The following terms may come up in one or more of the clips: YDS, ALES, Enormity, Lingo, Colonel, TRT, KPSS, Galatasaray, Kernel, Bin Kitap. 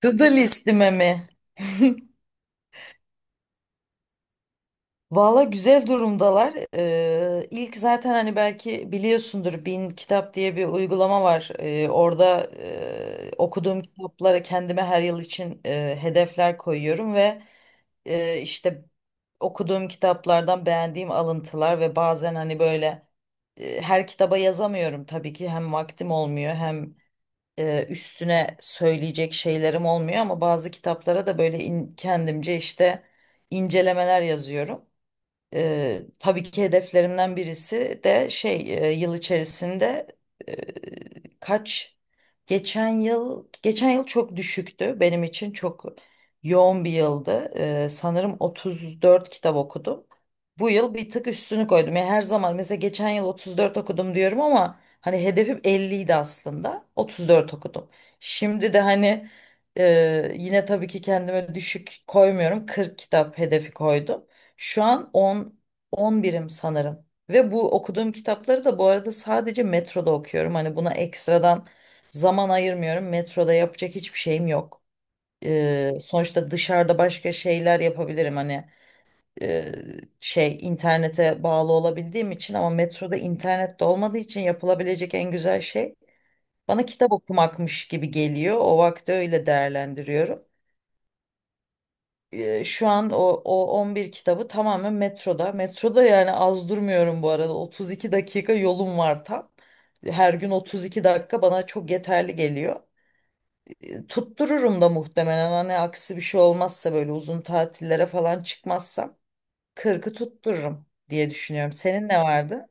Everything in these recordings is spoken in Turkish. To do listime mi? Valla güzel durumdalar. İlk zaten hani belki biliyorsundur Bin Kitap diye bir uygulama var. Orada okuduğum kitaplara kendime her yıl için hedefler koyuyorum ve işte okuduğum kitaplardan beğendiğim alıntılar ve bazen hani böyle her kitaba yazamıyorum tabii ki hem vaktim olmuyor hem üstüne söyleyecek şeylerim olmuyor ama bazı kitaplara da böyle kendimce işte incelemeler yazıyorum. Tabii ki hedeflerimden birisi de şey yıl içerisinde eee, kaç geçen yıl geçen yıl çok düşüktü, benim için çok yoğun bir yıldı. Sanırım 34 kitap okudum. Bu yıl bir tık üstünü koydum. Yani her zaman mesela geçen yıl 34 okudum diyorum ama hani hedefim 50 idi aslında. 34 okudum. Şimdi de hani yine tabii ki kendime düşük koymuyorum. 40 kitap hedefi koydum. Şu an 11'im sanırım. Ve bu okuduğum kitapları da bu arada sadece metroda okuyorum. Hani buna ekstradan zaman ayırmıyorum. Metroda yapacak hiçbir şeyim yok. Sonuçta dışarıda başka şeyler yapabilirim. Hani e, şey internete bağlı olabildiğim için, ama metroda internet de olmadığı için yapılabilecek en güzel şey bana kitap okumakmış gibi geliyor. O vakti öyle değerlendiriyorum. Şu an o 11 kitabı tamamen metroda. Metroda yani az durmuyorum bu arada. 32 dakika yolum var tam. Her gün 32 dakika bana çok yeterli geliyor. Tuttururum da muhtemelen, hani aksi bir şey olmazsa, böyle uzun tatillere falan çıkmazsam 40'ı tuttururum diye düşünüyorum. Senin ne vardı?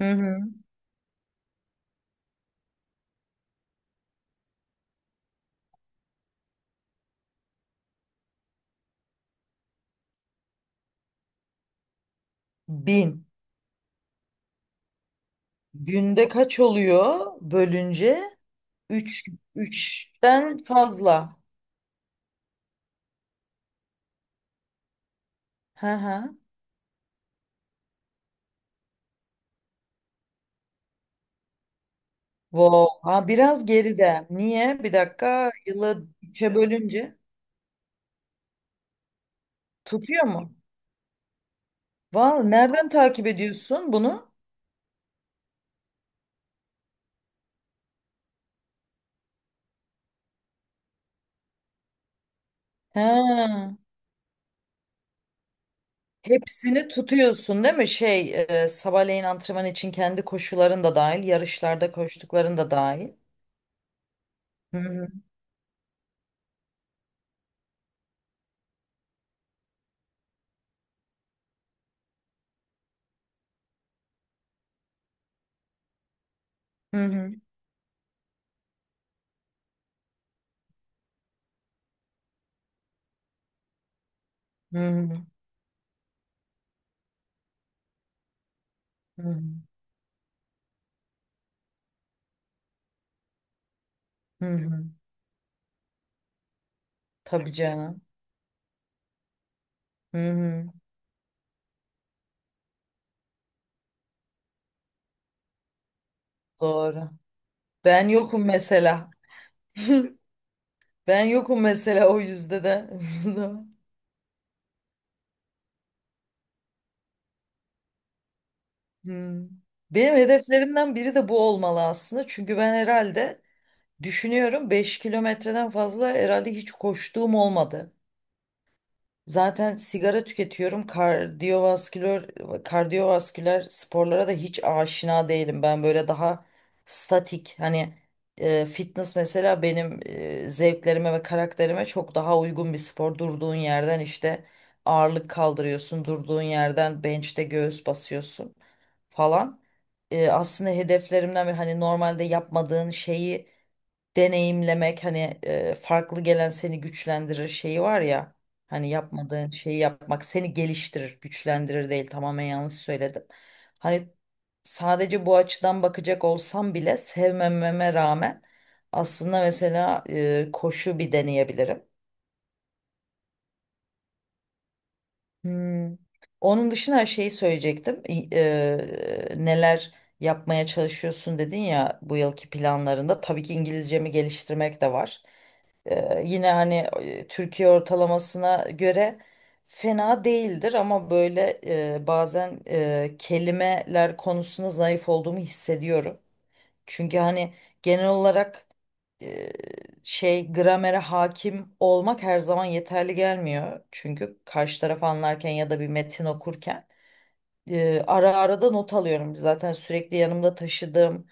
Hı hı. 1000. Günde kaç oluyor bölünce? 3 3'ten fazla. Hı hı. Wow. Ha, biraz geride. Niye? Bir dakika. Yılı 3'e bölünce tutuyor mu? Var. Nereden takip ediyorsun bunu? Ha. Hepsini tutuyorsun değil mi? Şey, sabahleyin antrenman için kendi koşuların da dahil, yarışlarda koştukların da dahil. Hı hı. Hı hı. Hı hı. Hı hı. Hı hı. Tabii canım. Hı hı. Doğru. Ben yokum mesela. Ben yokum mesela o yüzde de. Hmm. Benim hedeflerimden biri de bu olmalı aslında. Çünkü ben herhalde düşünüyorum, 5 kilometreden fazla herhalde hiç koştuğum olmadı. Zaten sigara tüketiyorum. Kardiyovasküler sporlara da hiç aşina değilim. Ben böyle daha statik, hani fitness mesela benim zevklerime ve karakterime çok daha uygun bir spor. Durduğun yerden işte ağırlık kaldırıyorsun. Durduğun yerden bench'te göğüs basıyorsun falan. Aslında hedeflerimden bir, hani normalde yapmadığın şeyi deneyimlemek, hani farklı gelen seni güçlendirir şeyi var ya, hani yapmadığın şeyi yapmak seni geliştirir, güçlendirir değil, tamamen yanlış söyledim. Hani sadece bu açıdan bakacak olsam bile, sevmememe rağmen aslında mesela koşu bir deneyebilirim. Hmm. Onun dışında şeyi söyleyecektim. Neler yapmaya çalışıyorsun dedin ya bu yılki planlarında. Tabii ki İngilizcemi geliştirmek de var. Yine hani Türkiye ortalamasına göre fena değildir ama böyle bazen kelimeler konusunda zayıf olduğumu hissediyorum. Çünkü hani genel olarak e, şey gramere hakim olmak her zaman yeterli gelmiyor. Çünkü karşı tarafı anlarken ya da bir metin okurken ara ara da not alıyorum. Zaten sürekli yanımda taşıdığım,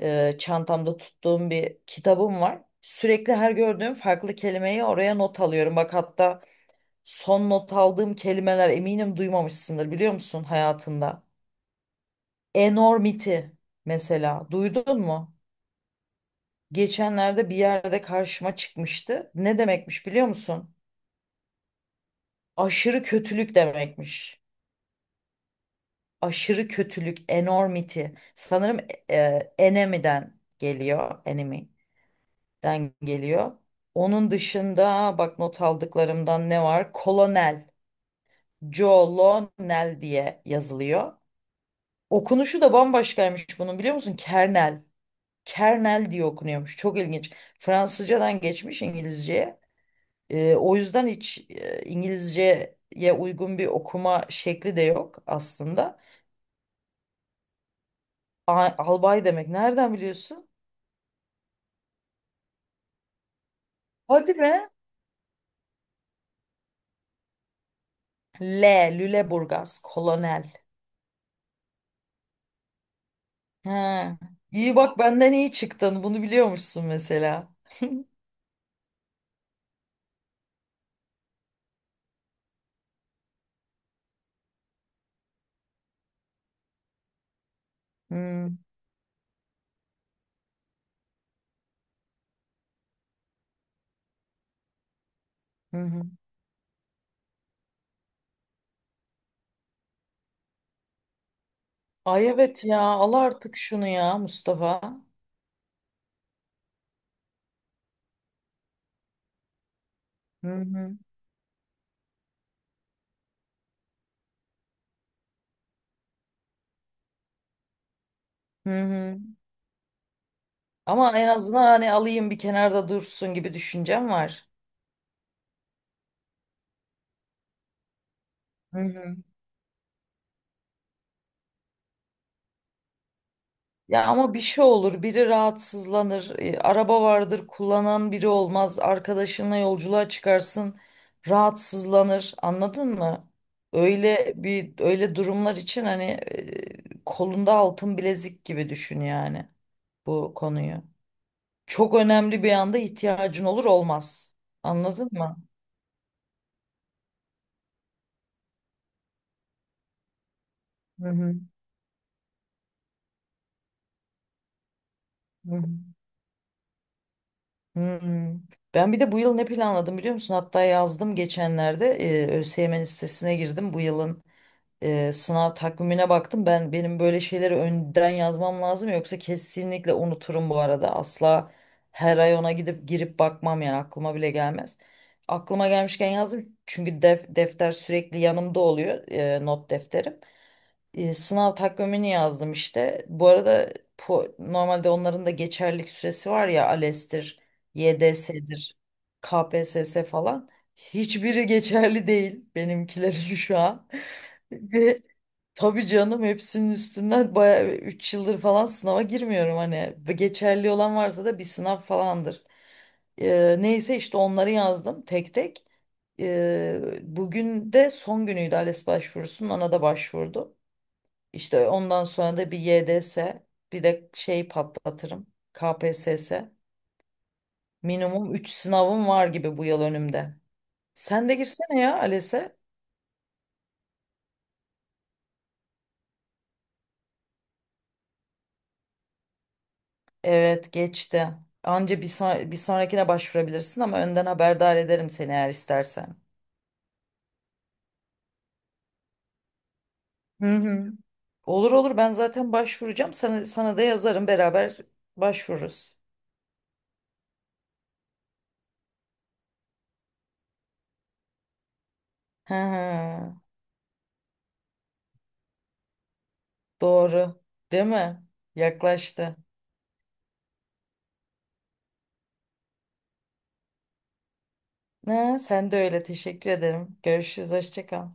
çantamda tuttuğum bir kitabım var. Sürekli her gördüğüm farklı kelimeyi oraya not alıyorum. Bak hatta son not aldığım kelimeler, eminim duymamışsındır, biliyor musun hayatında? Enormity mesela, duydun mu? Geçenlerde bir yerde karşıma çıkmıştı. Ne demekmiş biliyor musun? Aşırı kötülük demekmiş. Aşırı kötülük, enormity. Sanırım enemy'den geliyor, enemy'den geliyor. Onun dışında bak, not aldıklarımdan ne var? Kolonel, Colonel diye yazılıyor. Okunuşu da bambaşkaymış bunun, biliyor musun? Kernel. Kernel diye okunuyormuş. Çok ilginç. Fransızcadan geçmiş İngilizceye. O yüzden hiç İngilizceye uygun bir okuma şekli de yok aslında. Albay demek. Nereden biliyorsun? Hadi be. L. Lüleburgaz. Kolonel. Ha. İyi bak, benden iyi çıktın. Bunu biliyormuşsun mesela. Hmm. Hı hı. Ay evet ya. Al artık şunu ya Mustafa. Hı hı. Hı hı. Ama en azından hani alayım bir kenarda dursun gibi düşüncem var. Hı hı. Ya ama bir şey olur, biri rahatsızlanır, araba vardır, kullanan biri olmaz, arkadaşınla yolculuğa çıkarsın, rahatsızlanır, anladın mı? Öyle bir, öyle durumlar için hani kolunda altın bilezik gibi düşün yani bu konuyu. Çok önemli bir anda ihtiyacın olur olmaz. Anladın mı? Hı hı. Hı hı. Hı hı. Ben bir de bu yıl ne planladım, biliyor musun? Hatta yazdım geçenlerde. ÖSYM'nin sitesine girdim. Bu yılın sınav takvimine baktım. Benim böyle şeyleri önden yazmam lazım, yoksa kesinlikle unuturum bu arada. Asla her ay ona gidip girip bakmam, yani aklıma bile gelmez. Aklıma gelmişken yazdım, çünkü defter sürekli yanımda oluyor, not defterim. Sınav takvimini yazdım işte. Bu arada normalde onların da geçerlilik süresi var ya, ALES'tir, YDS'dir, KPSS falan. Hiçbiri geçerli değil benimkileri şu an. Ve tabii canım, hepsinin üstünden bayağı 3 yıldır falan sınava girmiyorum hani. Geçerli olan varsa da bir sınav falandır. Neyse işte onları yazdım tek tek. Bugün de son günüydü ALES başvurusunun, ona da başvurdum. İşte ondan sonra da bir YDS, bir de şey patlatırım. KPSS. Minimum 3 sınavım var gibi bu yıl önümde. Sen de girsene ya ALES'e. Evet, geçti. Anca bir sonrakine başvurabilirsin, ama önden haberdar ederim seni eğer istersen. Hı hı. Olur olur, ben zaten başvuracağım. Sana da yazarım, beraber başvururuz. Hı. Doğru. Değil mi? Yaklaştı. Ha, sen de öyle, teşekkür ederim. Görüşürüz. Hoşça kal.